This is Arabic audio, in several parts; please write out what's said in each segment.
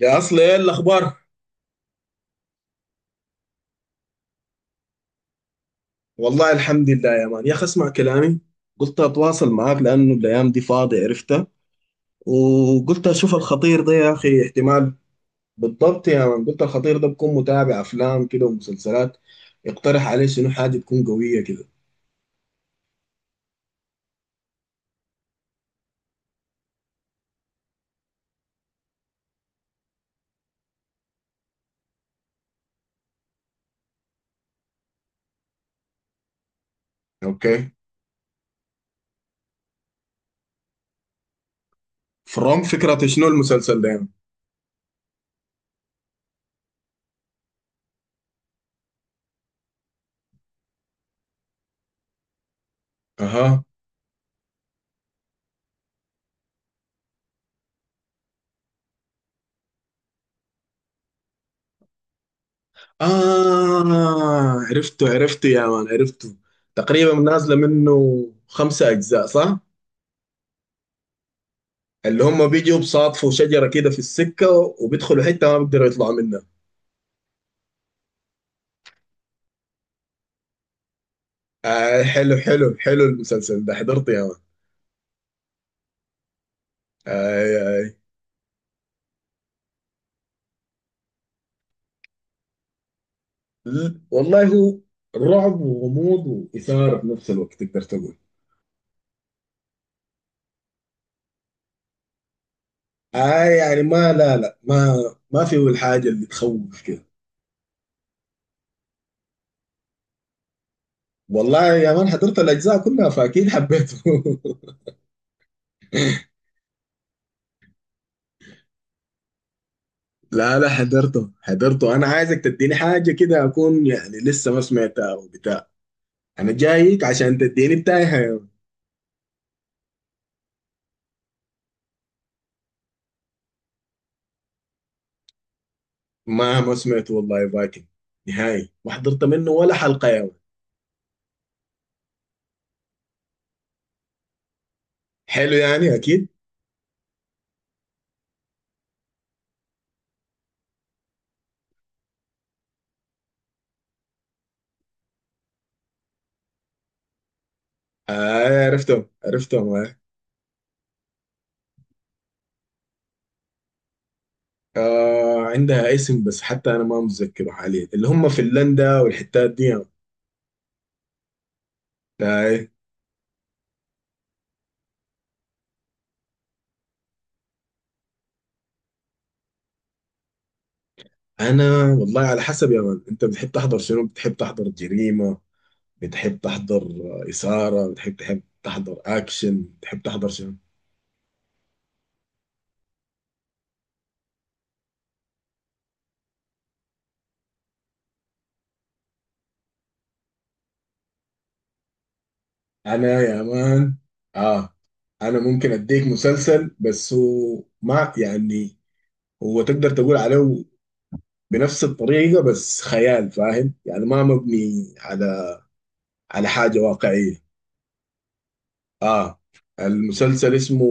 يا اصل، ايه الاخبار؟ والله الحمد لله يا مان، يا اخي اسمع كلامي. قلت اتواصل معاك لانه الايام دي فاضي، عرفتها، وقلت اشوف الخطير ده يا اخي احتمال. بالضبط يا مان، قلت الخطير ده بكون متابع افلام كده ومسلسلات، يقترح عليه شنو حاجه تكون قويه كده. اوكي. فروم، فكره شنو المسلسل ده يا مان؟ اها. اه عرفته عرفته يا مان، عرفته. تقريبا نازله منه 5 اجزاء، صح؟ اللي هم بيجوا بصادفوا شجرة كده في السكة، وبيدخلوا حتة ما بيقدروا يطلعوا منها. آه حلو حلو حلو، المسلسل ده حضرته يا مان؟ آه. آه والله، هو رعب وغموض وإثارة في نفس الوقت، تقدر تقول. آه يعني ما، لا لا، ما ما فيه الحاجة اللي تخوف كده. والله يا مان حضرت الأجزاء كلها فأكيد حبيته. لا لا، حضرته حضرته، أنا عايزك تديني حاجة كده أكون يعني لسه ما سمعتها وبتاع. أنا جايك عشان تديني بتاعي. ما سمعت والله، فايكنج نهائي ما حضرت منه ولا حلقة يا مان. حلو، يعني أكيد. آه عرفتهم عرفتهم، آه. آه، عندها اسم بس حتى أنا ما متذكره حاليا، اللي هم فنلندا والحتات دي يا مان. آه. أنا والله على حسب يا مان، أنت بتحب تحضر شنو؟ بتحب تحضر جريمة؟ بتحب تحضر إثارة؟ بتحب تحضر أكشن؟ بتحب تحضر شنو؟ أنا يا مان، آه، أنا ممكن أديك مسلسل بس هو ما يعني، هو تقدر تقول عليه بنفس الطريقة بس خيال، فاهم؟ يعني ما مبني على حاجة واقعية. اه. المسلسل اسمه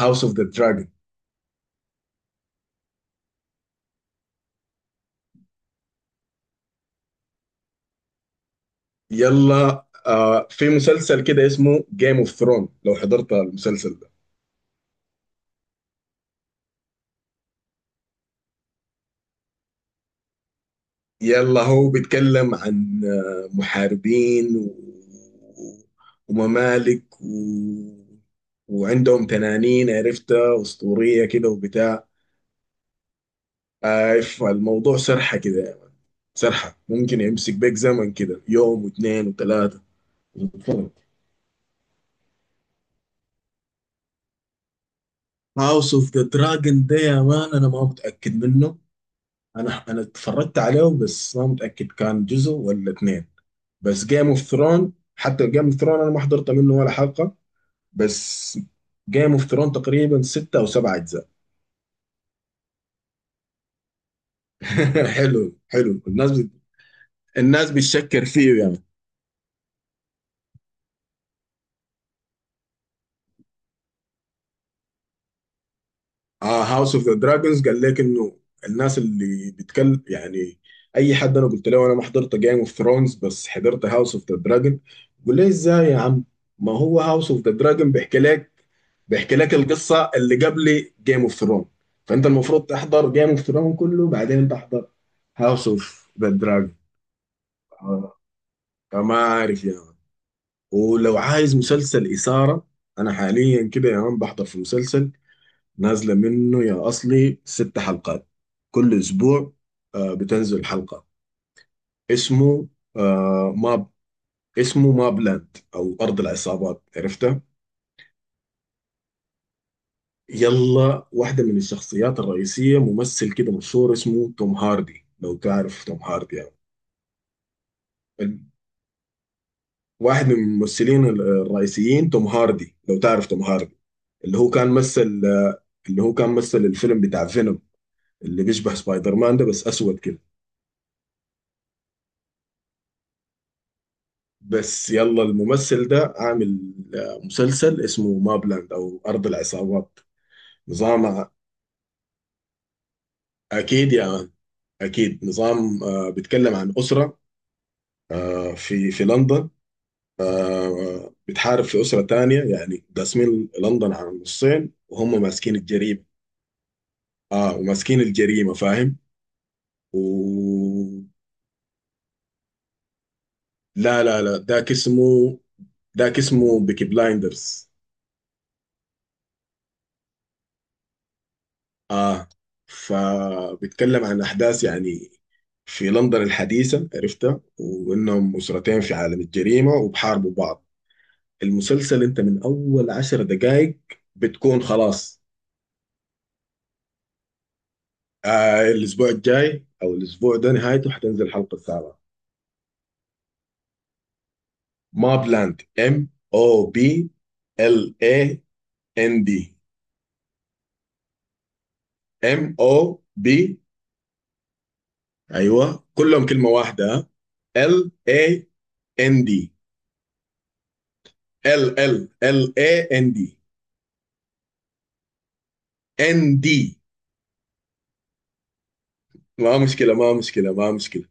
هاوس اوف ذا دراجون. يلا، آه، في مسلسل كده اسمه جيم اوف ثرون، لو حضرت المسلسل ده. يلا هو بيتكلم عن محاربين و... وممالك و... وعندهم تنانين عرفتها أسطورية كده وبتاع. اي، فالموضوع سرحه كده يا مان، سرحه ممكن يمسك بيك زمن كده يوم واثنين وثلاثه. هاوس اوف ذا دراجون ده يا مان انا ما متاكد منه. انا اتفرجت عليه بس ما متاكد كان جزء ولا اثنين. بس جيم اوف ثرون، حتى جيم اوف ثرون انا ما حضرت منه ولا حلقه. بس جيم اوف ثرون تقريبا 6 او 7 اجزاء. حلو حلو، الناس بت... الناس بتشكر فيه يعني. اه، هاوس اوف ذا دراجونز قال لك انه، الناس اللي بتكلم يعني، اي حد انا قلت له انا ما حضرت جيم اوف ثرونز بس حضرت هاوس اوف ذا دراجون، بقول لي ازاي يا عم؟ ما هو هاوس اوف ذا دراجون بيحكي لك القصه اللي قبل جيم اوف ثرون. فانت المفروض تحضر جيم اوف ثرون كله بعدين تحضر هاوس اوف ذا دراجون. آه، فما عارف يا مان. ولو عايز مسلسل اثاره، انا حاليا كده يا مان بحضر في مسلسل نازلة منه يا أصلي 6 حلقات، كل أسبوع بتنزل حلقة. اسمه ماب، اسمه ماب لاند أو أرض العصابات، عرفتها؟ يلا، واحدة من الشخصيات الرئيسية ممثل كده مشهور اسمه توم هاردي، لو تعرف توم هاردي يعني. ال- واحد من الممثلين الرئيسيين، توم هاردي، لو تعرف توم هاردي، اللي هو كان مثل اللي هو كان مثل الفيلم بتاع فينوم، اللي بيشبه سبايدر مان ده بس أسود كده. بس يلا، الممثل ده عامل مسلسل اسمه مابلاند او ارض العصابات. نظام ع- اكيد يا مان، اكيد. نظام بيتكلم عن اسره في لندن، بتحارب في اسره تانية، يعني قاسمين لندن على نصين وهم ماسكين الجريمه. اه، وماسكين الجريمه، فاهم؟ و... لا لا لا، ذاك اسمه، ذاك اسمه بيكي بلايندرز. اه، فبيتكلم عن احداث يعني في لندن الحديثه، عرفتها، وانهم اسرتين في عالم الجريمه وبحاربوا بعض. المسلسل انت من اول 10 دقائق بتكون خلاص. آه، الاسبوع الجاي او الاسبوع ده نهايته حتنزل الحلقه 7. ما بلاند. MOBLAND. MOB. ايوه، كلهم كلمه واحده. LAND. ال AND. ND. ما مشكله ما مشكله ما مشكله.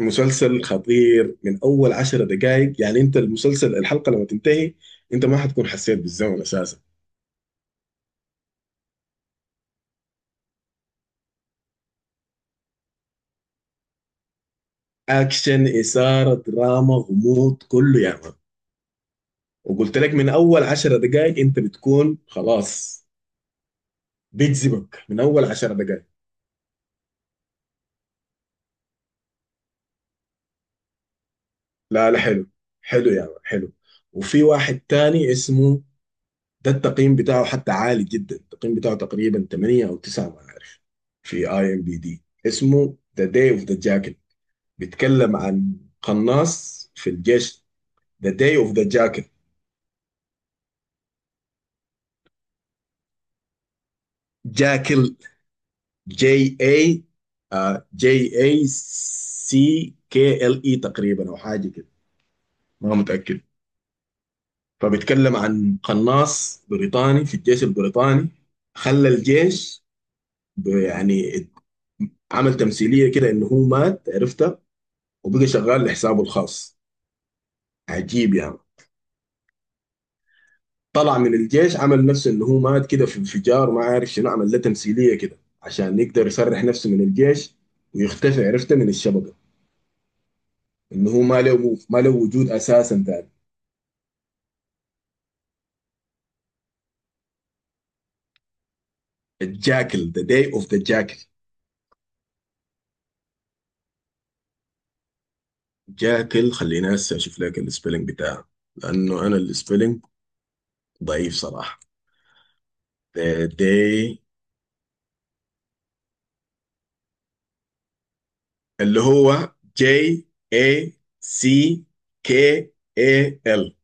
مسلسل خطير، من اول 10 دقائق يعني انت المسلسل الحلقه لما تنتهي انت ما حتكون حسيت بالزمن اساسا. اكشن، اثاره، دراما، غموض، كله يا مان. وقلت لك من اول 10 دقائق انت بتكون خلاص، بيجذبك من اول 10 دقائق. لا لا، حلو حلو يا مان حلو. وفي واحد تاني اسمه، ده التقييم بتاعه حتى عالي جدا، التقييم بتاعه تقريبا 8 او 9، ما عارف، في IMDb، اسمه ذا داي اوف ذا جاكل. بيتكلم عن قناص في الجيش. ذا داي اوف ذا جاكل. جاكل. GI. GICKLI تقريبا او حاجه كده، ما متاكد. فبيتكلم عن قناص بريطاني في الجيش البريطاني، خلى الجيش يعني عمل تمثيليه كده انه هو مات، عرفت، وبقى شغال لحسابه الخاص، عجيب يعني. طلع من الجيش، عمل نفسه انه هو مات كده في انفجار، ما عارف شنو عمل له تمثيليه كده عشان يقدر يسرح نفسه من الجيش ويختفي، عرفته، من الشبكه، انه هو ما له ما له وجود اساسا تاني. الجاكل، ذا داي اوف ذا جاكل. جاكل. خليني هسه اشوف لك السبيلنج بتاعه، لانه انا السبيلنج ضعيف صراحه. ذا داي، اللي هو جي، اي، سي، كي، اي ال.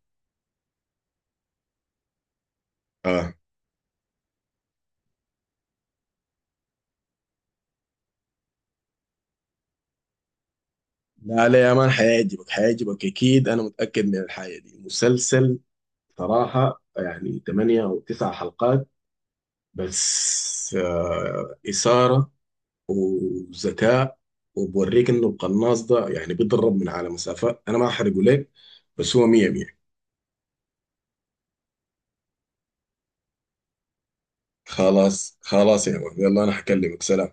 لا لا يا مان، حيعجبك حيعجبك اكيد، انا متاكد من الحاجه دي. مسلسل صراحه يعني 8 او 9 حلقات بس، اثاره وذكاء. وبوريك انه القناص ده يعني بيضرب من على مسافات، انا ما احرقه لك، بس هو 100 100. خلاص خلاص يا مان، يلا انا حكلمك، سلام.